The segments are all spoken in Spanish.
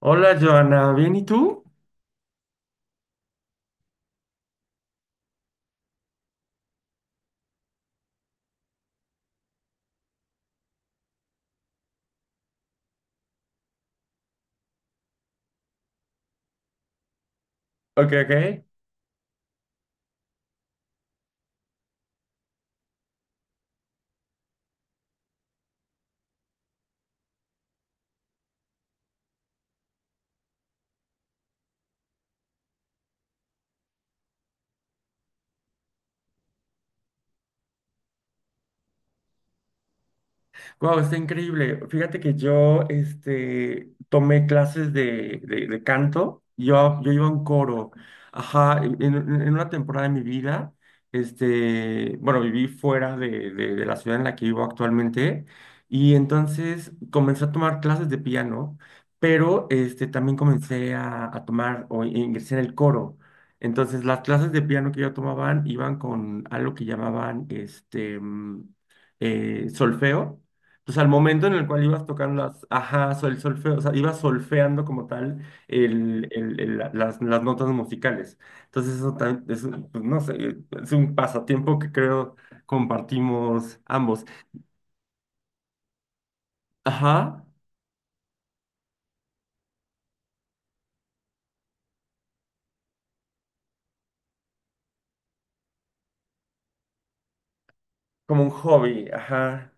Hola, Joana, ¿bien y tú? Ok, ok. Wow, está increíble. Fíjate que yo tomé clases de canto. Yo iba a un coro. Ajá, en una temporada de mi vida, bueno, viví fuera de la ciudad en la que vivo actualmente. Y entonces comencé a tomar clases de piano, pero también comencé a tomar o ingresé en el coro. Entonces, las clases de piano que yo tomaban iban con algo que llamaban solfeo. Entonces, al momento en el cual ibas tocando las, ajá, el solfeo, o sea, ibas solfeando como tal las notas musicales. Entonces, eso también es, pues, no sé, es un pasatiempo que creo compartimos ambos. Ajá, como un hobby, ajá.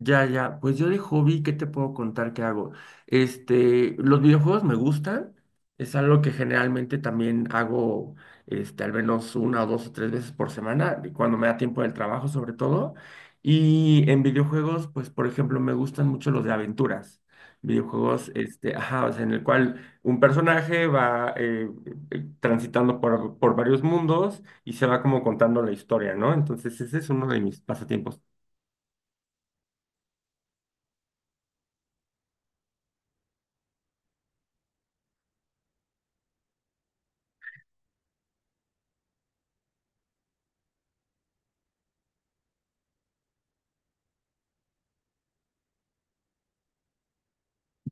Ya, ya, pues yo de hobby, ¿qué te puedo contar que hago? Los videojuegos me gustan, es algo que generalmente también hago, al menos una o dos o tres veces por semana, y cuando me da tiempo del trabajo sobre todo. Y en videojuegos, pues por ejemplo, me gustan mucho los de aventuras. Videojuegos, ajá, o sea, en el cual un personaje va transitando por varios mundos y se va como contando la historia, ¿no? Entonces ese es uno de mis pasatiempos.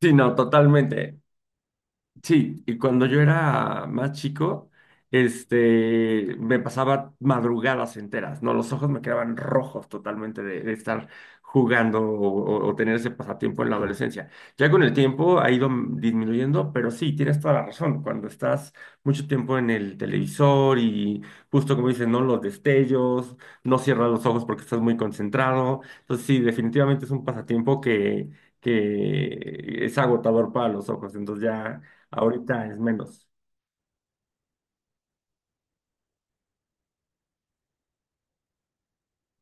Sí, no, totalmente. Sí, y cuando yo era más chico, me pasaba madrugadas enteras, ¿no? Los ojos me quedaban rojos totalmente de estar jugando o tener ese pasatiempo en la adolescencia. Ya con el tiempo ha ido disminuyendo, pero sí, tienes toda la razón. Cuando estás mucho tiempo en el televisor y justo como dicen, ¿no? Los destellos, no cierras los ojos porque estás muy concentrado. Entonces sí, definitivamente es un pasatiempo que es agotador para los ojos. Entonces ya... Ahorita es menos.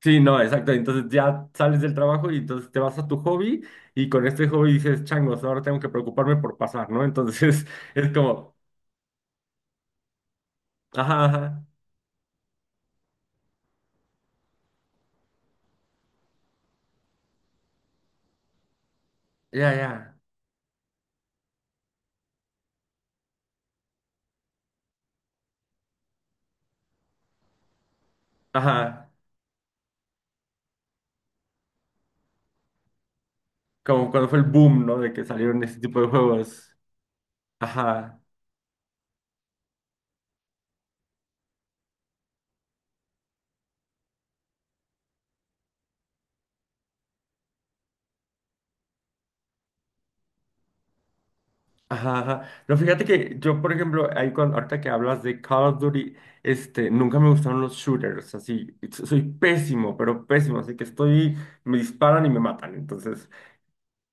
Sí, no, exacto. Entonces ya sales del trabajo y entonces te vas a tu hobby y con este hobby dices, changos, ahora tengo que preocuparme por pasar, ¿no? Entonces es como, ajá, ajá, ya, ya, ajá. Como cuando fue el boom, ¿no? De que salieron este tipo de juegos. Ajá, ajá, ajá. No, fíjate que yo, por ejemplo, ahí cuando, ahorita que hablas de Call of Duty, nunca me gustaron los shooters, así. Soy pésimo, pero pésimo, así que estoy, me disparan y me matan, entonces.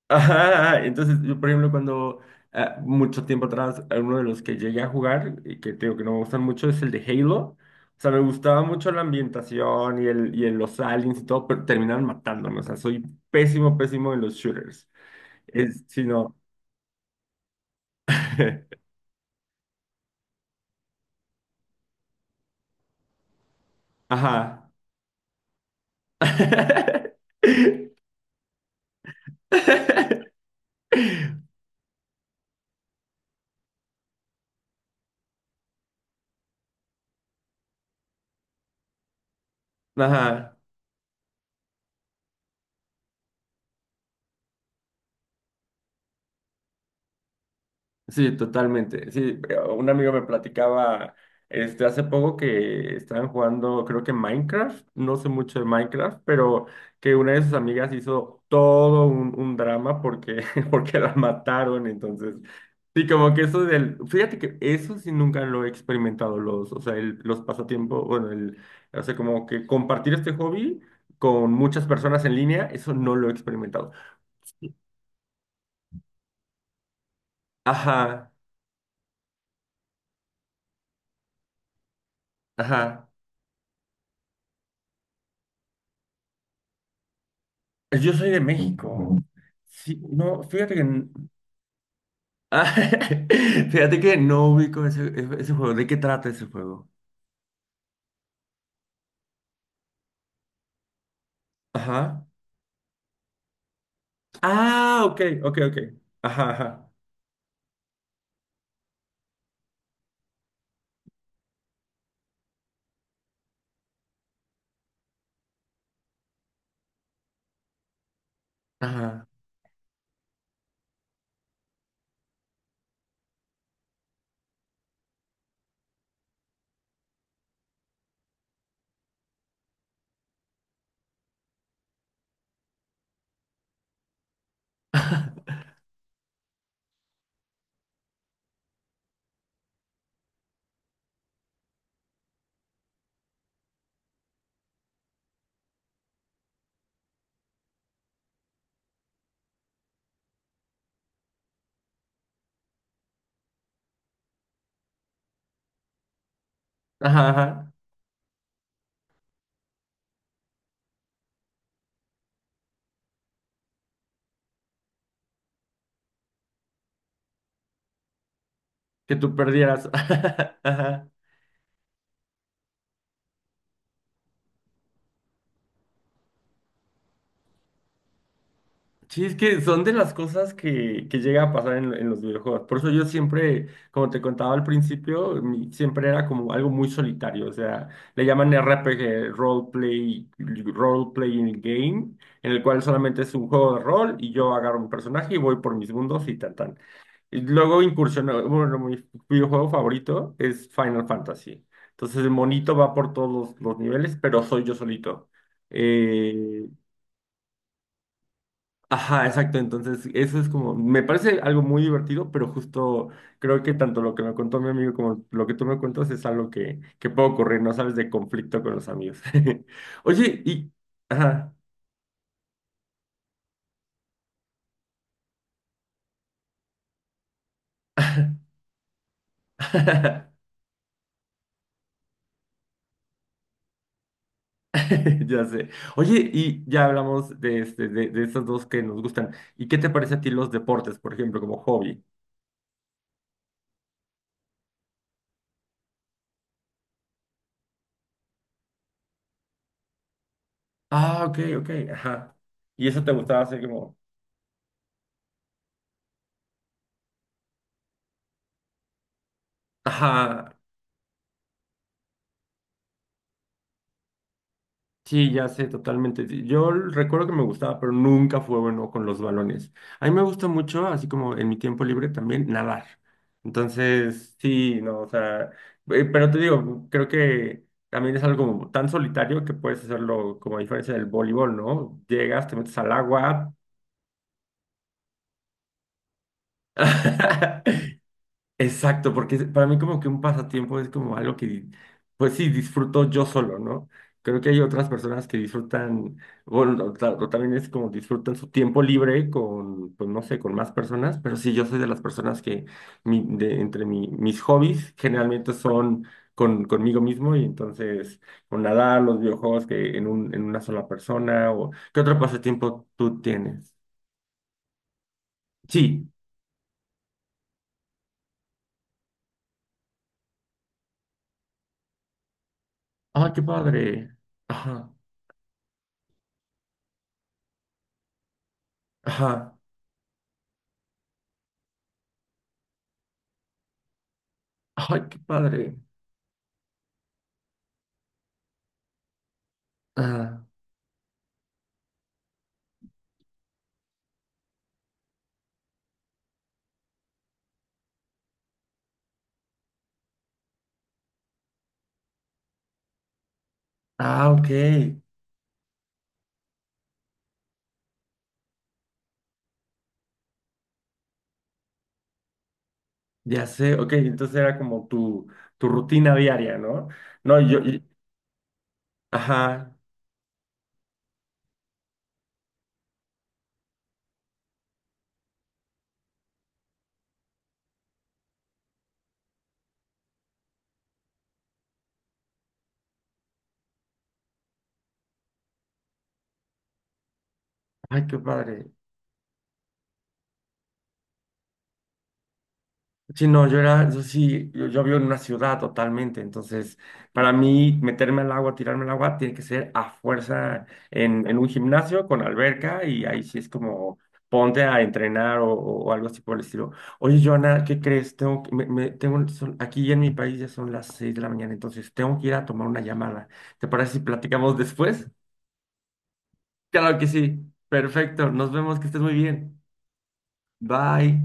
Ajá, entonces yo, por ejemplo, cuando ah, mucho tiempo atrás, a uno de los que llegué a jugar, y que te digo que no me gustan mucho, es el de Halo. O sea, me gustaba mucho la ambientación y, y los aliens y todo, pero terminaron matándome. O sea, soy pésimo, pésimo en los shooters. Es, si no. Ajá. Ajá. Sí, totalmente. Sí, un amigo me platicaba hace poco que estaban jugando, creo que Minecraft, no sé mucho de Minecraft, pero que una de sus amigas hizo todo un drama porque, porque la mataron. Entonces, sí, como que eso del, fíjate que eso sí nunca lo he experimentado, los, o sea, los pasatiempos, bueno, el, o sea, como que compartir este hobby con muchas personas en línea, eso no lo he experimentado. Ajá, ajá. Yo soy de México. Sí, no, fíjate que... Ah, fíjate que no ubico ese juego. ¿De qué trata ese juego? Ajá. Ah, ok, ok, ok. Ajá, ajá. Ajá. Ajá, ajá. Que tú perdieras. Ajá. Sí, es que son de las cosas que llega a pasar en los videojuegos. Por eso yo siempre, como te contaba al principio, siempre era como algo muy solitario. O sea, le llaman RPG, role play, role playing game, en el cual solamente es un juego de rol y yo agarro un personaje y voy por mis mundos y tan tan. Y luego incursionó, bueno, mi videojuego favorito es Final Fantasy. Entonces el monito va por todos los niveles, pero soy yo solito. Eh, Ajá, exacto. Entonces, eso es como, me parece algo muy divertido, pero justo creo que tanto lo que me contó mi amigo como lo que tú me cuentas es algo que puede ocurrir, ¿no sabes? De conflicto con los amigos. Oye, y... Ajá. Ya sé. Oye, y ya hablamos de, de esas dos que nos gustan. ¿Y qué te parece a ti los deportes, por ejemplo, como hobby? Ah, ok, ok, ajá. Y eso te gustaba hacer como... Ajá. Sí, ya sé, totalmente. Sí. Yo recuerdo que me gustaba, pero nunca fue bueno con los balones. A mí me gusta mucho, así como en mi tiempo libre también, nadar. Entonces, sí, no, o sea, pero te digo, creo que también es algo como tan solitario que puedes hacerlo como a diferencia del voleibol, ¿no? Llegas, te metes al agua. Exacto, porque para mí como que un pasatiempo es como algo que, pues sí, disfruto yo solo, ¿no? Creo que hay otras personas que disfrutan, bueno, o también es como disfrutan su tiempo libre con, pues no sé, con más personas, pero sí, yo soy de las personas que mis hobbies generalmente son con, conmigo mismo y entonces o nadar, los videojuegos que en en una sola persona o ¿qué otro pasatiempo tú tienes? Sí, ah, qué padre. Ajá, ajá. Ay, qué padre. Ah, ah, ok. Ya sé. Ok, entonces era como tu rutina diaria, ¿no? No, yo, ajá. Ay, qué padre. Sí, no, yo era, yo sí, yo vivo en una ciudad totalmente, entonces para mí meterme al agua, tirarme al agua, tiene que ser a fuerza en un gimnasio con alberca y ahí sí es como ponte a entrenar o algo así por el estilo. Oye, Joana, ¿qué crees? Tengo, tengo, aquí en mi país ya son las 6 de la mañana, entonces tengo que ir a tomar una llamada. ¿Te parece si platicamos después? Claro que sí, perfecto, nos vemos, que estés muy bien. Bye.